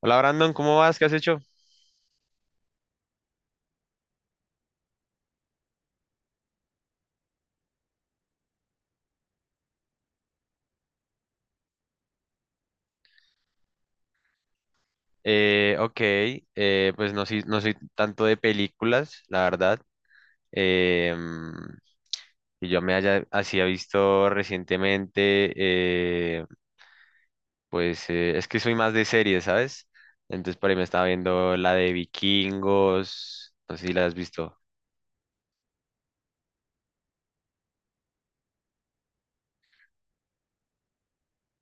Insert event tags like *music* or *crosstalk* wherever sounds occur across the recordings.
Hola Brandon, ¿cómo vas? ¿Qué has hecho? Ok, pues no, no soy tanto de películas, la verdad. Eh, mm, que yo me haya así ha visto recientemente, eh, pues es que soy más de series, ¿sabes? Entonces por ahí me estaba viendo la de Vikingos, no sé si la has visto.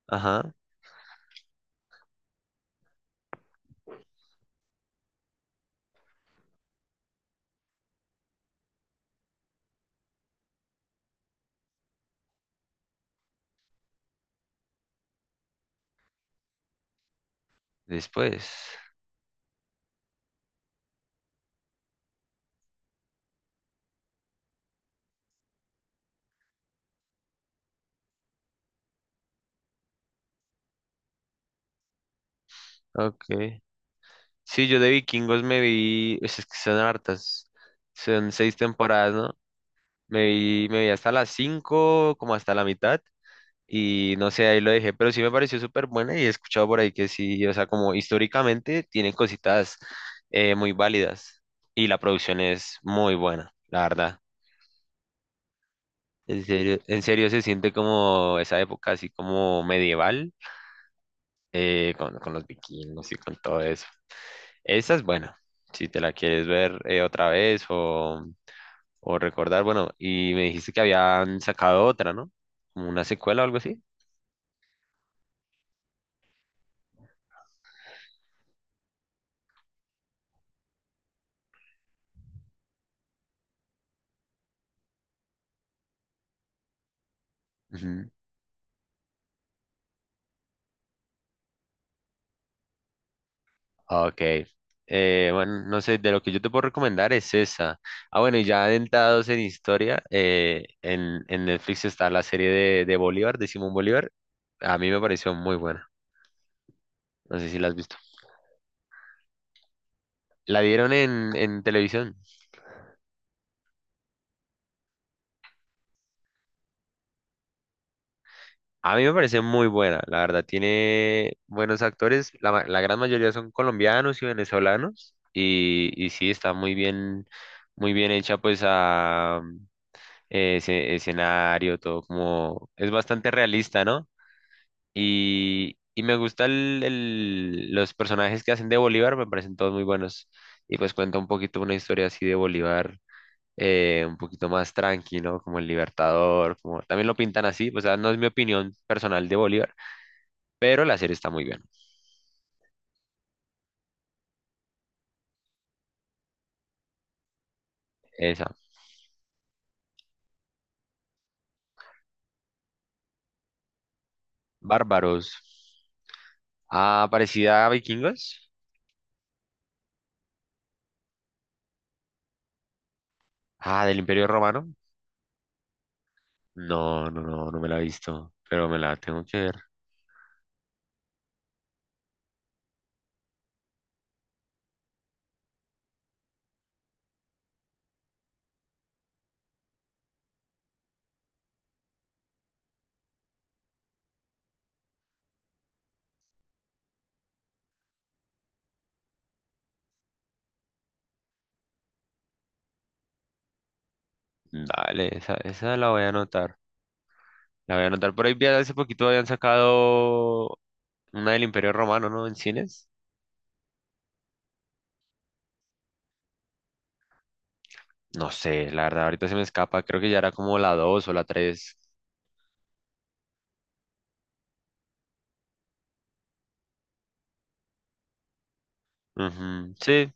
Ajá, después. Ok. Sí, yo de Vikingos me vi, pues, es que son hartas, son 6 temporadas, ¿no? Me vi hasta las 5 como hasta la mitad, y no sé, ahí lo dejé, pero sí me pareció súper buena y he escuchado por ahí que sí, o sea, como históricamente tienen cositas muy válidas y la producción es muy buena, la verdad. En serio se siente como esa época así como medieval, con los vikingos y con todo eso. Esa es buena, si te la quieres ver otra vez o recordar, bueno, y me dijiste que habían sacado otra, ¿no? Como una secuela o algo así. Ujú. Ok. Bueno, no sé, de lo que yo te puedo recomendar es esa. Ah, bueno, y ya adentrados en historia, en Netflix está la serie de Bolívar, de Simón Bolívar. A mí me pareció muy buena. No sé si la has visto. La dieron en televisión. A mí me parece muy buena, la verdad. Tiene buenos actores. La gran mayoría son colombianos y venezolanos. Y sí, está muy bien hecha, pues a ese escenario, todo como es bastante realista, ¿no? Y me gusta los personajes que hacen de Bolívar, me parecen todos muy buenos. Y pues cuenta un poquito una historia así de Bolívar, un poquito más tranqui, ¿no? Como el Libertador, como también lo pintan así, o sea, no es mi opinión personal de Bolívar, pero la serie está muy bien. Esa. Bárbaros. Ah, parecida a Vikingos. Ah, del Imperio Romano. No, no me la he visto, pero me la tengo que ver. Dale, esa la voy a anotar. La voy a anotar. Por ahí vi hace poquito habían sacado una del Imperio Romano, ¿no? En cines. No sé, la verdad, ahorita se me escapa. Creo que ya era como la 2 o la tres. Ujú, sí,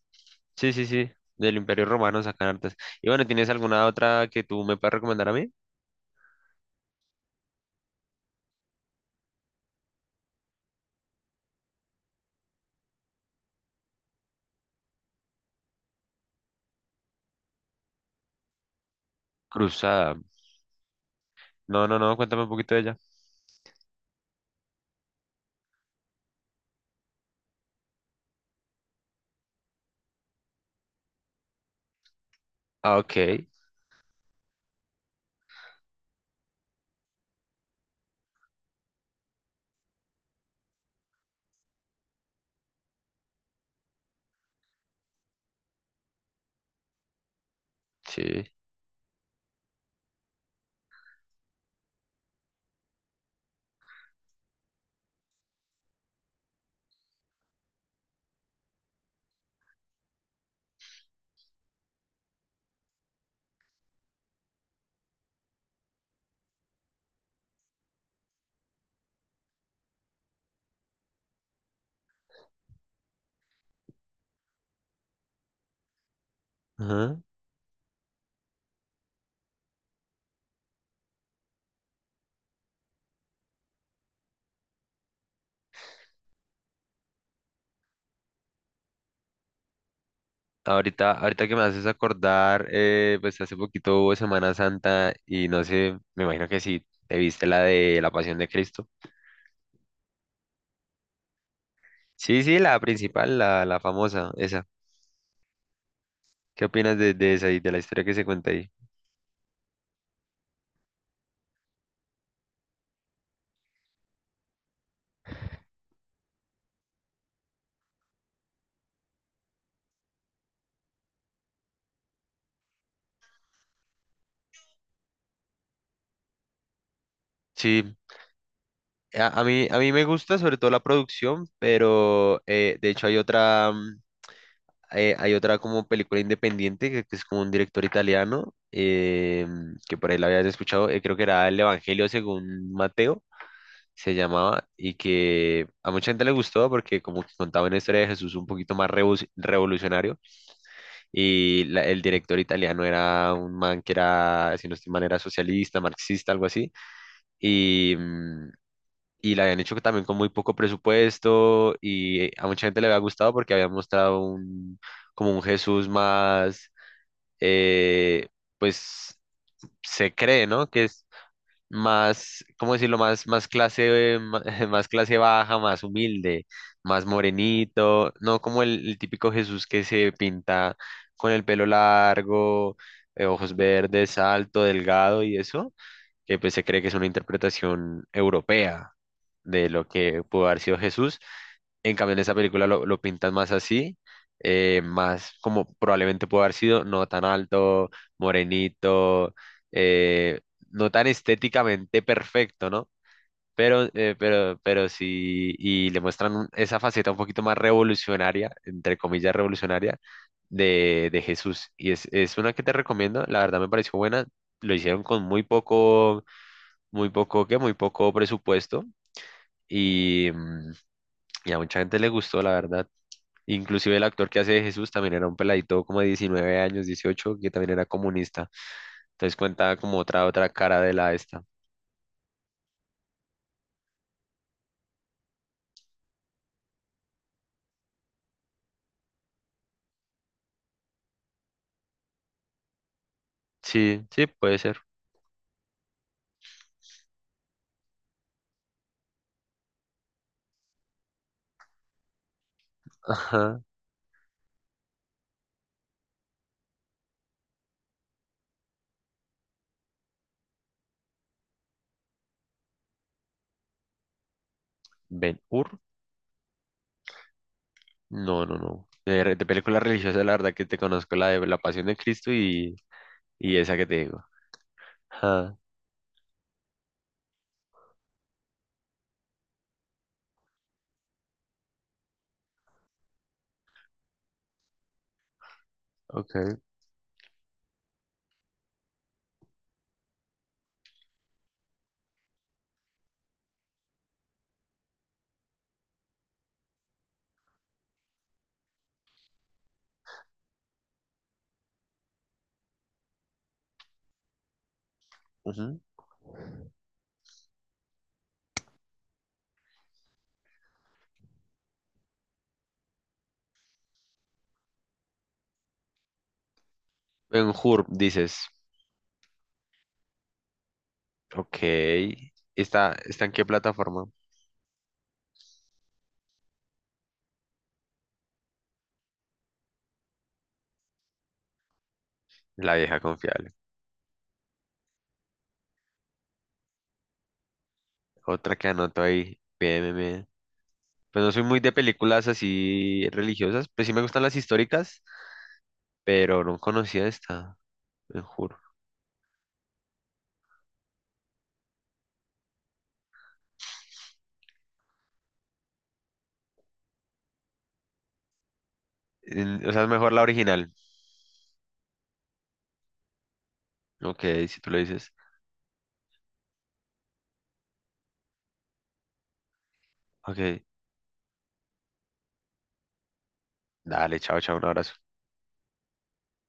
sí, sí, sí. Del Imperio Romano sacan artes. Y bueno, ¿tienes alguna otra que tú me puedas recomendar a mí? Cruzada. No, no, no, cuéntame un poquito de ella. Ah, ok. Sí. Ahorita que me haces acordar, pues hace poquito hubo Semana Santa y no sé, me imagino que sí, te viste la de la Pasión de Cristo. Sí, sí, la principal, la famosa, esa. ¿Qué opinas de esa y de la historia que se cuenta ahí? Sí, a mí me gusta sobre todo la producción, pero de hecho hay otra, hay otra como película independiente que es como un director italiano, que por ahí la habías escuchado, creo que era El Evangelio según Mateo se llamaba, y que a mucha gente le gustó porque como que contaba una historia de Jesús un poquito más revolucionario, y el director italiano era un man que era, si no estoy mal, era socialista, marxista, algo así, y... mm, y la habían hecho también con muy poco presupuesto y a mucha gente le había gustado porque había mostrado como un Jesús más, eh, pues se cree, ¿no? Que más, ¿cómo decirlo? Más clase, *laughs* más clase baja, más humilde, más morenito, no como el típico Jesús que se pinta con el pelo largo, ojos verdes, alto, delgado y eso, que pues se cree que es una interpretación europea de lo que pudo haber sido Jesús. En cambio, en esa película lo pintan más así, más como probablemente pudo haber sido, no tan alto, morenito, eh, no tan estéticamente perfecto, ¿no? Pero, pero sí, y le muestran esa faceta un poquito más revolucionaria, entre comillas revolucionaria, de Jesús. Es una que te recomiendo, la verdad me pareció buena, lo hicieron con muy poco, ¿qué? Muy poco presupuesto. Y, mm, y a mucha gente le gustó, la verdad. Inclusive el actor que hace de Jesús también era un peladito como de 19 años, 18 que también era comunista. Entonces cuenta como otra, otra cara de la esta. Sí, sí, puede ser. Ajá. Ben Hur. No, no, no. De, de películas religiosas, la verdad que te conozco la de La Pasión de Cristo y esa que te digo. Ajá, ok. Ujú. Ben Hur, dices. Ok. ¿Está, está en qué plataforma? La vieja confiable. Otra que anoto ahí. PMM. Pues no soy muy de películas así religiosas, pues sí me gustan las históricas, pero no conocía esta, me juro. En- O sea, es mejor la original. Ok, si tú lo dices. Ok, dale, chao, chao, un abrazo.